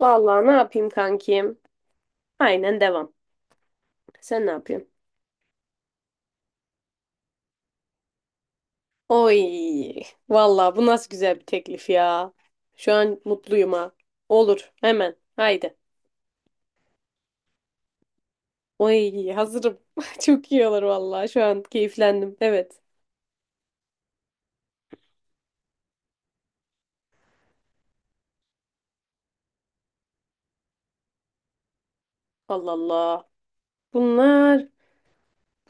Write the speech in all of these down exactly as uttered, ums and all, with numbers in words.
Vallahi ne yapayım kankim? Aynen devam. Sen ne yapıyorsun? Oy, vallahi bu nasıl güzel bir teklif ya. Şu an mutluyum ha. Olur, hemen. Haydi. Oy, hazırım. Çok iyi olur vallahi. Şu an keyiflendim. Evet. Allah Allah. Bunlar,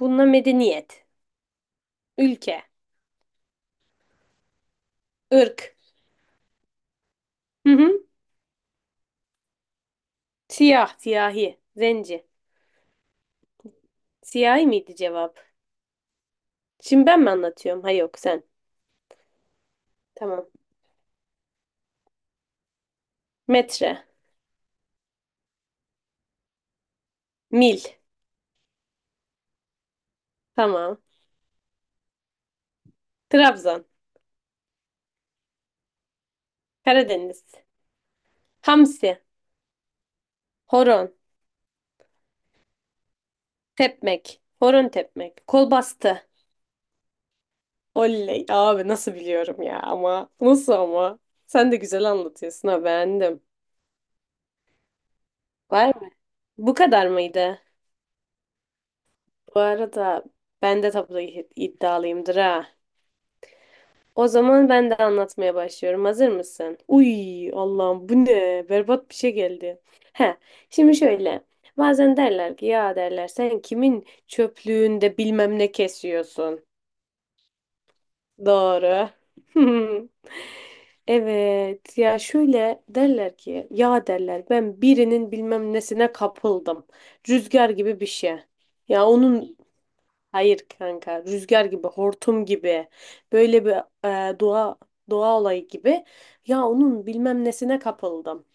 bunlar medeniyet, ülke, ırk. Hı hı. Siyah, siyahi, zenci. Siyahi miydi cevap? Şimdi ben mi anlatıyorum? Ha yok sen. Tamam. Metre, mil. Tamam. Trabzon. Karadeniz. Hamsi. Horon. Tepmek. Horon tepmek. Kol bastı. Oley. Abi nasıl biliyorum ya ama. Nasıl ama? Sen de güzel anlatıyorsun ha beğendim. Var mı? Bu kadar mıydı? Bu arada ben de tablo id- iddialıyımdır ha. O zaman ben de anlatmaya başlıyorum. Hazır mısın? Uy Allah'ım bu ne? Berbat bir şey geldi. He, şimdi şöyle. Bazen derler ki ya derler sen kimin çöplüğünde bilmem ne kesiyorsun. Doğru. Evet ya şöyle derler ki ya derler ben birinin bilmem nesine kapıldım. Rüzgar gibi bir şey. Ya onun hayır kanka rüzgar gibi hortum gibi böyle bir e, doğa doğa olayı gibi ya onun bilmem nesine kapıldım.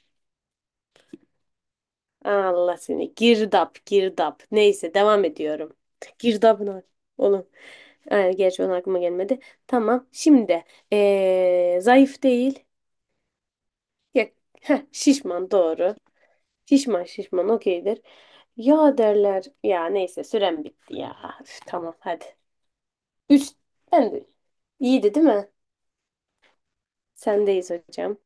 Allah seni girdap girdap neyse devam ediyorum. Girdabına oğlum. Ay, gerçi onun aklıma gelmedi. Tamam şimdi e, zayıf değil. Ya, heh, şişman doğru. Şişman şişman okeydir. Ya derler. Ya neyse sürem bitti ya. Üf, tamam hadi. Üç. Ben de. İyiydi değil mi? Sendeyiz hocam.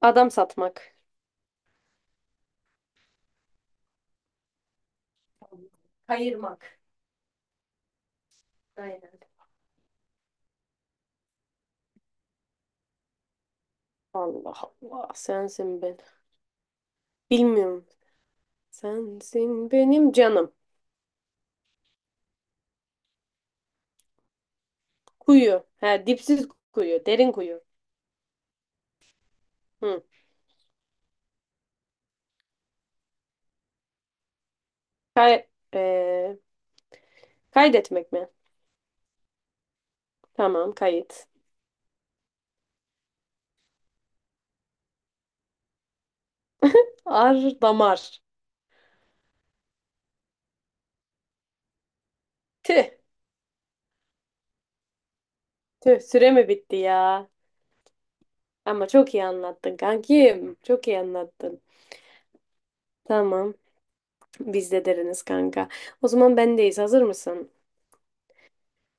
Adam satmak. Kayırmak. Aynen. Allah Allah. Sensin ben. Bilmiyorum. Sensin benim canım. Kuyu. Ha, dipsiz kuyu. Derin kuyu. Hı. Kay eee, kaydetmek mi? Tamam kayıt. Ar damar. Tüh. Tüh, süre mi bitti ya? Ama çok iyi anlattın kankim. Çok iyi anlattın. Tamam. Biz de deriniz kanka. O zaman bendeyiz. Hazır mısın?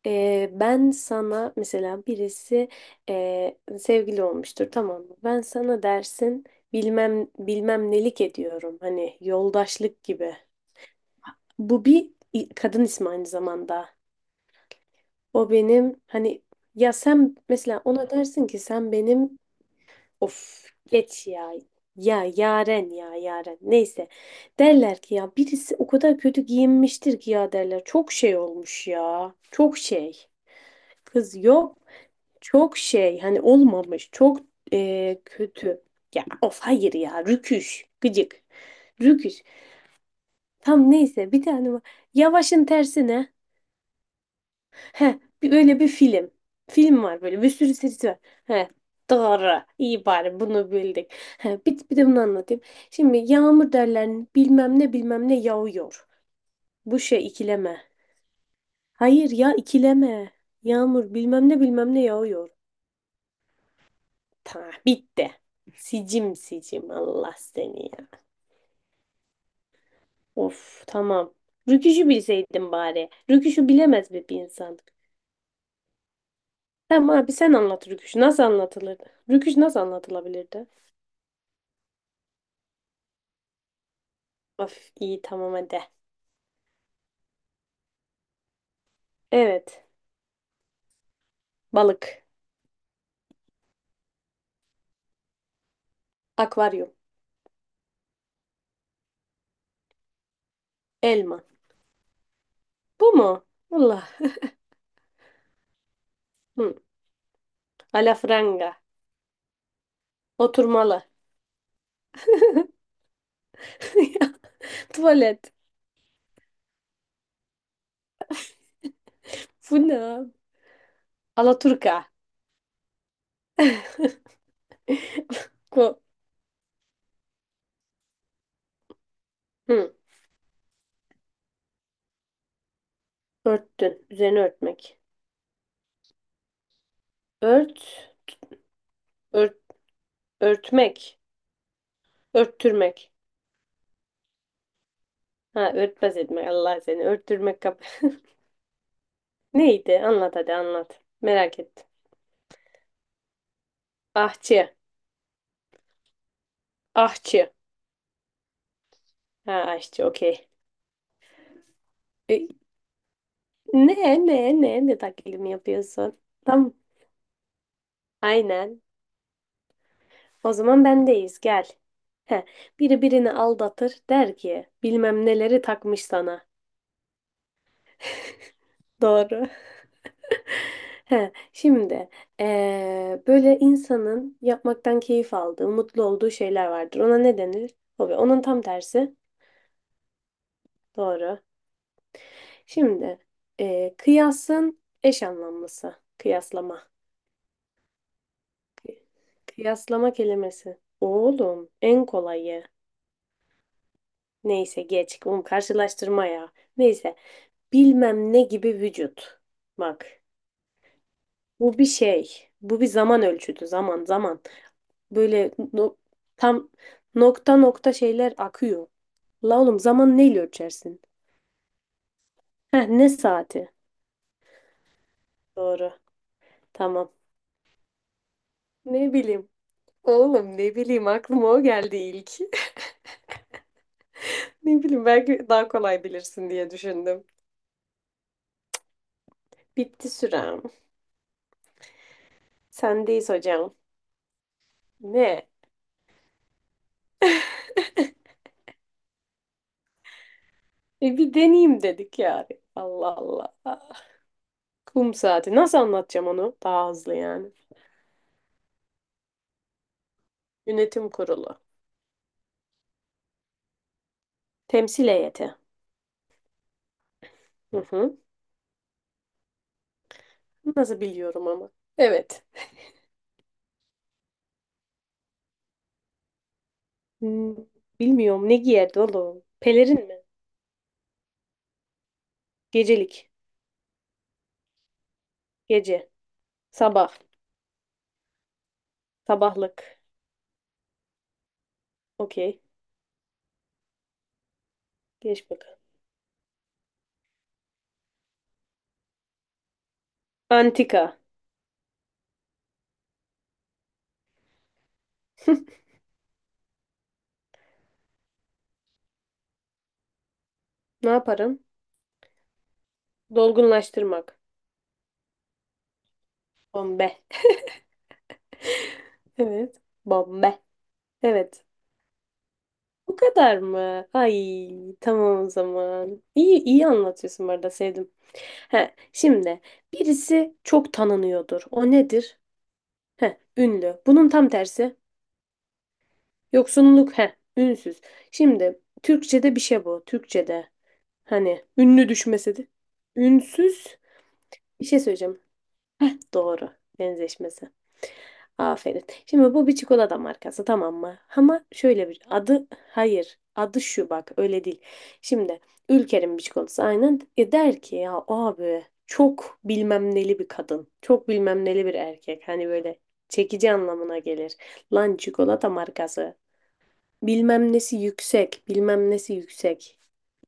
Ee, ben sana mesela birisi ee, sevgili olmuştur tamam mı? Ben sana dersin bilmem bilmem nelik ediyorum. Hani yoldaşlık gibi. Bu bir i- kadın ismi aynı zamanda. O benim hani ya sen mesela ona dersin ki sen benim. Of geç ya. Ya Yaren ya Yaren. Neyse. Derler ki ya birisi o kadar kötü giyinmiştir ki ya derler. Çok şey olmuş ya. Çok şey. Kız yok. Çok şey. Hani olmamış. Çok eee, kötü. Ya of hayır ya. Rüküş. Gıcık. Rüküş. Tam neyse bir tane var. Yavaşın tersi ne? Heh, bir, öyle bir film. Film var böyle bir sürü serisi var. Heh, doğru. İyi bari bunu bildik. Heh, bir, bir de bunu anlatayım. Şimdi yağmur derler bilmem ne bilmem ne yağıyor. Bu şey ikileme. Hayır ya ikileme. Yağmur bilmem ne bilmem ne yağıyor. Tamam bitti. Sicim sicim Allah seni ya. Of tamam. Rüküşü bilseydim bari. Rüküşü bilemez mi bir insan? Tamam abi sen anlat rüküşü. Nasıl anlatılırdı? Rüküş nasıl anlatılabilirdi? Of iyi tamam hadi. Evet. Balık. Akvaryum. Elma. Bu mu? Allah. Hı. Alafranga. Oturmalı. Tuvalet. Bu ne, abi? Alaturka. Ko. Hı. Örttün. Üzerine örtmek. Ört. Ört. Örtmek. Örttürmek. Ha örtbas etmek. Allah seni. Örttürmek kap. Neydi? Anlat hadi anlat. Merak ettim. Ahçı. Ahçı. Ha ahçı okey. E, ne ne ne ne taklidimi yapıyorsun? Tam aynen. O zaman bendeyiz gel. Heh, biri birini aldatır der ki bilmem neleri takmış sana. Doğru. Heh, şimdi eee, böyle insanın yapmaktan keyif aldığı, mutlu olduğu şeyler vardır. Ona ne denir? Hobi. Onun tam tersi. Doğru. Şimdi eee, kıyasın eş anlamlısı. Kıyaslama. Kıyaslama kelimesi. Oğlum en kolayı. Neyse geç. Oğlum karşılaştırma ya. Neyse. Bilmem ne gibi vücut. Bak. Bu bir şey. Bu bir zaman ölçütü. Zaman zaman. Böyle no- tam nokta nokta şeyler akıyor. La oğlum zaman neyle ölçersin? Heh, ne saati? Doğru. Tamam. Ne bileyim. Oğlum ne bileyim aklıma o geldi ilk. Ne bileyim belki daha kolay bilirsin diye düşündüm. Bitti sürem. Sendeyiz hocam. Ne? E bir deneyeyim dedik yani. Allah Allah. Ah, kum saati. Nasıl anlatacağım onu? Daha hızlı yani. Yönetim kurulu. Temsil heyeti. Hı hı. Nasıl biliyorum ama. Evet. Hmm, bilmiyorum ne giyerdi oğlum? Pelerin mi? Gecelik. Gece. Sabah. Sabahlık. Okey. Geç bakalım. Antika. Ne yaparım? Dolgunlaştırmak. Bombe. Evet. Bombe. Evet. Bu kadar mı? Ay tamam o zaman. İyi iyi anlatıyorsun bu arada sevdim. He, şimdi birisi çok tanınıyordur. O nedir? He, ünlü. Bunun tam tersi. Yoksunluk. He, ünsüz. Şimdi Türkçe'de bir şey bu. Türkçe'de. Hani ünlü düşmesi de. Ünsüz. Bir şey söyleyeceğim. Heh, doğru. Benzeşmesi. Aferin. Şimdi bu bir çikolata markası tamam mı? Ama şöyle bir adı hayır. Adı şu bak öyle değil. Şimdi Ülker'in bir çikolatası aynen. E der ki ya abi çok bilmem neli bir kadın. Çok bilmem neli bir erkek. Hani böyle çekici anlamına gelir. Lan çikolata markası. Bilmem nesi yüksek. Bilmem nesi yüksek.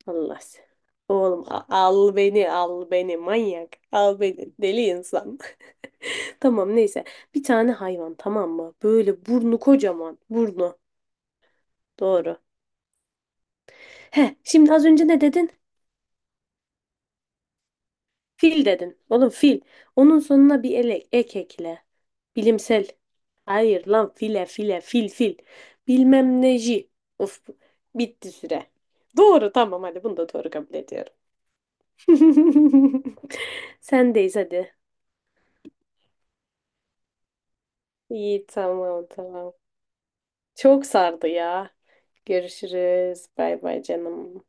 Allah seni. Oğlum a- al beni al beni manyak. Al beni deli insan. Tamam neyse. Bir tane hayvan tamam mı? Böyle burnu kocaman. Burnu. Doğru. He, şimdi az önce ne dedin? Fil dedin. Oğlum fil. Onun sonuna bir elek, ek ekle. Bilimsel. Hayır lan file file fil fil. Bilmem neji. Of bitti süre. Doğru tamam hadi bunu da doğru kabul ediyorum. Sendeyiz hadi. İyi tamam tamam. Çok sardı ya. Görüşürüz. Bay bay canım.